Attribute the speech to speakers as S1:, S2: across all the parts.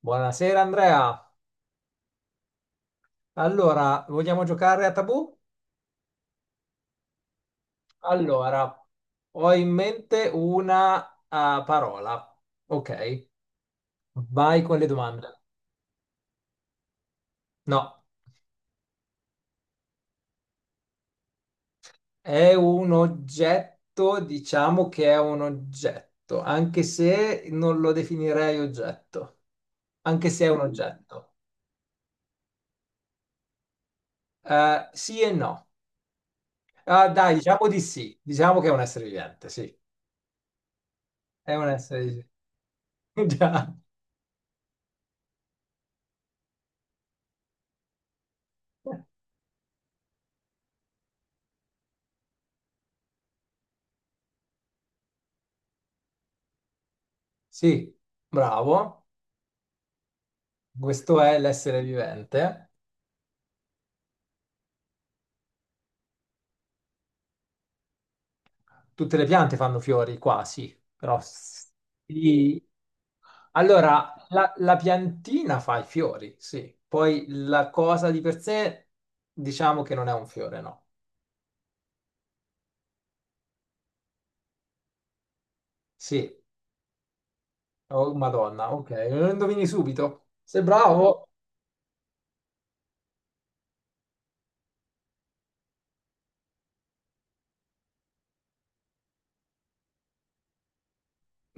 S1: Buonasera Andrea. Allora, vogliamo giocare a tabù? Allora, ho in mente una parola. Ok, vai con le domande. No, è un oggetto, diciamo che è un oggetto, anche se non lo definirei oggetto, anche se è un oggetto. Sì e no. Ah, dai, diciamo di sì. Diciamo che è un essere vivente, sì. È un essere vivente. Già. Sì, bravo. Questo è l'essere vivente. Tutte le piante fanno fiori, quasi, però sì. Allora, la piantina fa i fiori, sì. Poi la cosa di per sé, diciamo che non è un fiore, no. Sì. Oh, Madonna, ok. Lo indovini subito. Sei bravo?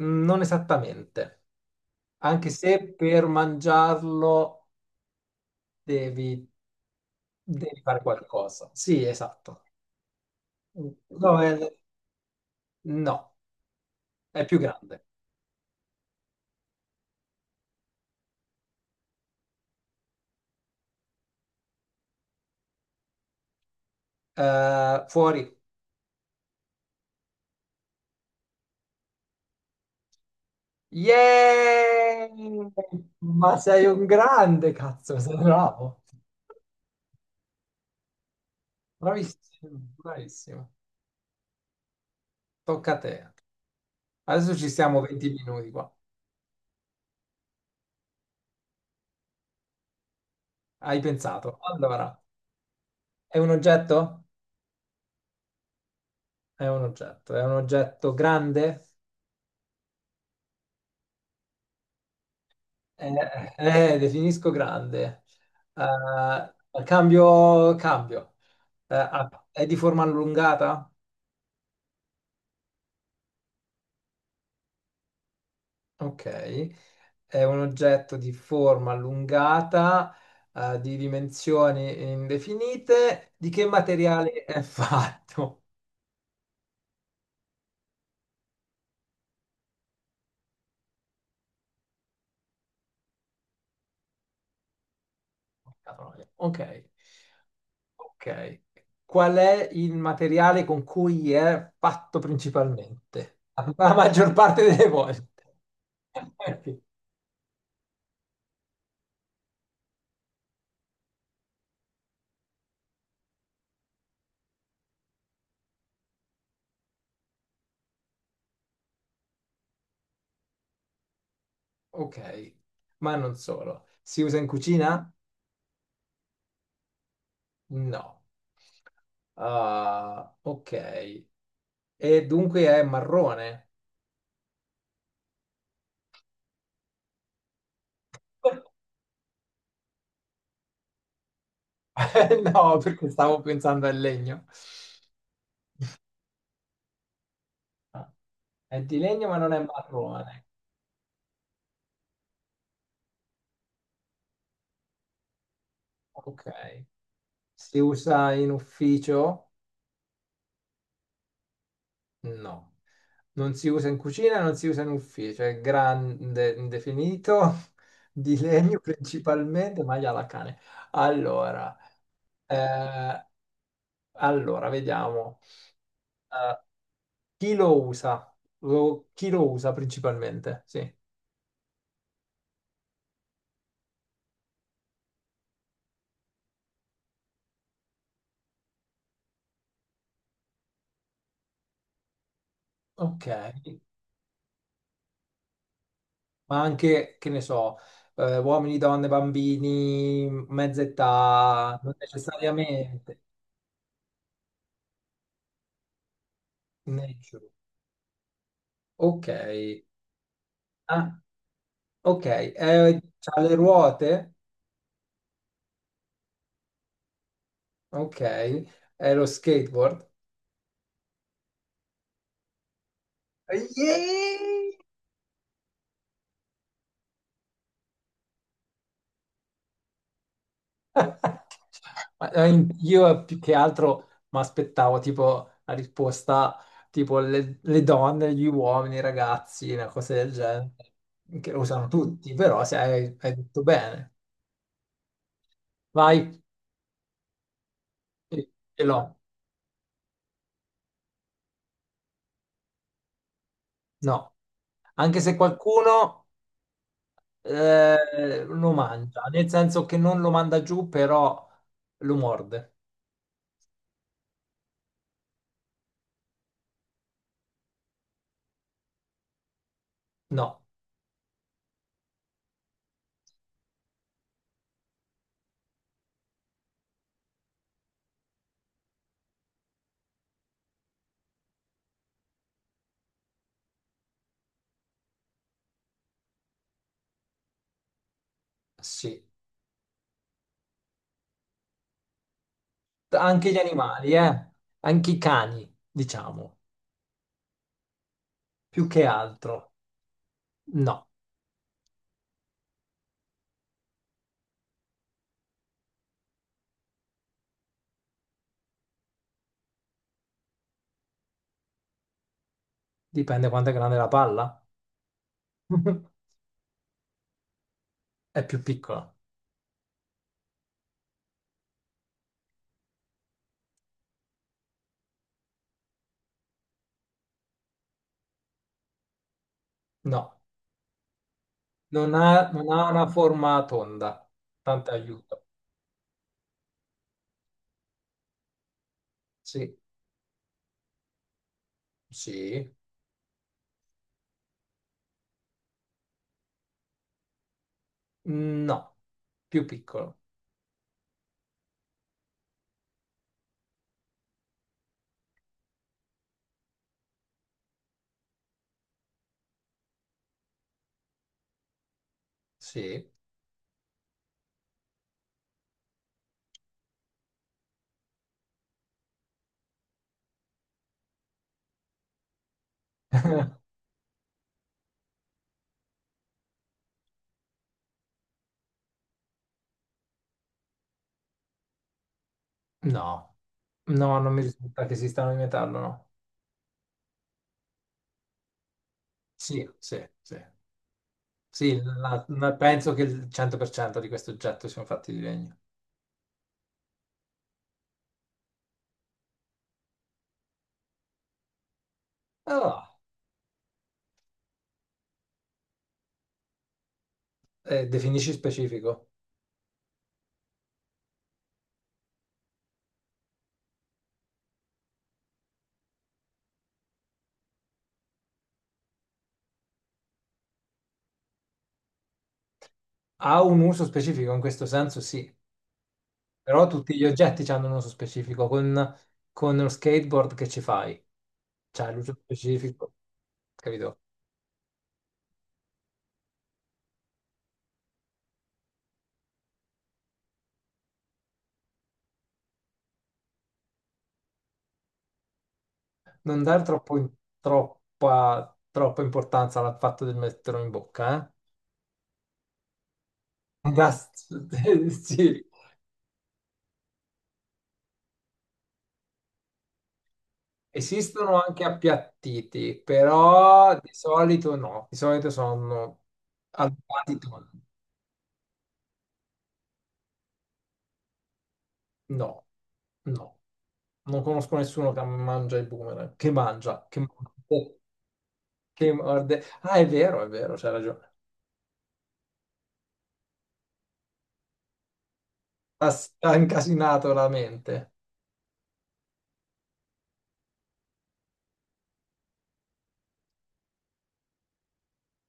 S1: Non esattamente. Anche se per mangiarlo devi, devi fare qualcosa. Sì, esatto. No, è- no, è più grande. Fuori. Yeah! Ma sei un grande, cazzo, sei bravo. Bravissimo, bravissimo. Tocca a te. Adesso ci stiamo 20 minuti qua. Hai pensato. Allora, è un oggetto? È un oggetto. È un oggetto grande? Eh, definisco grande. Cambio. È di forma allungata? Ok. È un oggetto di forma allungata, di dimensioni indefinite. Di che materiale è fatto? Porca troia. Ok, ok. Qual è il materiale con cui è fatto principalmente? La maggior parte delle volte. Ok, ma non solo. Si usa in cucina? No. Ah, ok. E dunque è marrone. No, perché stavo pensando al legno. Ah, è di legno ma non è marrone. Ok. Si usa in ufficio? No. Non si usa in cucina, non si usa in ufficio. È grande, indefinito, di legno principalmente, ma la cane. Allora, eh, allora, vediamo. Eh, chi lo usa? Chi lo usa principalmente? Sì. Ok. Ma anche, che ne so, uomini, donne, bambini, mezza età, non necessariamente. Nature. Ok. Ah, ok. C'ha le ruote? Ok. È lo skateboard? Yeah! Ma, io più che altro mi aspettavo tipo la risposta tipo le donne, gli uomini, i ragazzi, una cosa del genere, che lo usano tutti, però se hai detto bene. Vai. Sì, ce l'ho, no. Anche se qualcuno lo mangia, nel senso che non lo manda giù, però lo morde. No, sì. Anche gli animali, eh? Anche i cani, diciamo, più che altro. No, dipende quanto è grande la palla. È più piccola. No, non ha una forma tonda. Tanto aiuto. Sì, sì. No, più piccolo. Sì, no. No, non mi risulta che esistano in metallo, no. Sì, sì, sì. Sì, penso che il 100% di questi oggetti siano fatti di legno. Ah, definisci specifico. Ha un uso specifico in questo senso, sì, però tutti gli oggetti hanno un uso specifico. Con lo skateboard che ci fai, c'è l'uso specifico, capito? Non dare troppo in- troppa importanza al fatto di metterlo in bocca, eh? Sì. Esistono anche appiattiti, però di solito no, di solito sono allungati toni. No, no, non conosco nessuno che mangia il boomerang, che mangia, che morde. Ah, è vero, c'è ragione. Ha incasinato la mente.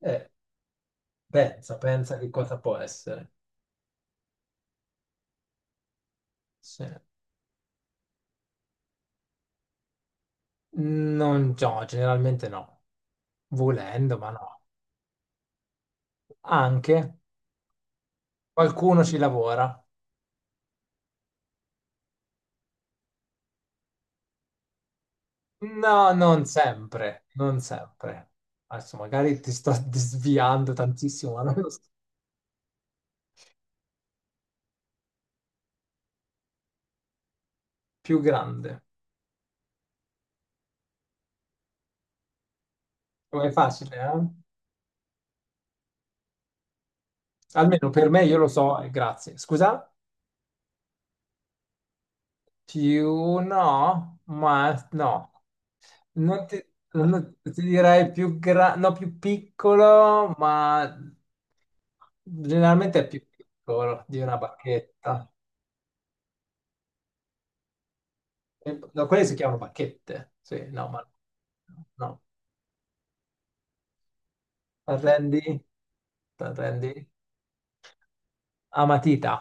S1: Eh, pensa che cosa può essere. Sì. Non, no, generalmente no. Volendo, ma no. Anche qualcuno ci lavora. No, non sempre, non sempre. Adesso magari ti sto sviando tantissimo, ma non lo so. Più grande. Oh, è facile, eh? Almeno per me io lo so, grazie. Scusa? Più no, ma no. Non ti, ti direi più grande, no, più piccolo, ma generalmente è più piccolo di una bacchetta. No, quelle si chiamano bacchette. Sì, no, ma no. T'arrendi? T'arrendi? A matita.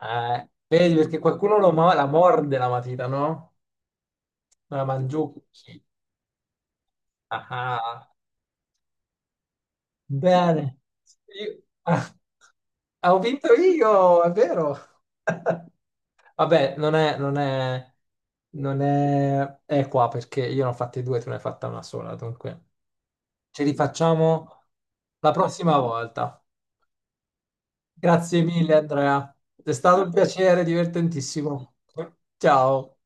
S1: Vedi, perché qualcuno la morde la matita, no? La mangiucchi. Ah, ah. Bene. Io- ah, ho vinto io, è vero. Vabbè, non è equa perché io ne ho fatte due, tu ne hai fatta una sola, dunque ce li facciamo la prossima volta. Grazie mille, Andrea. È stato un piacere, divertentissimo. Ciao.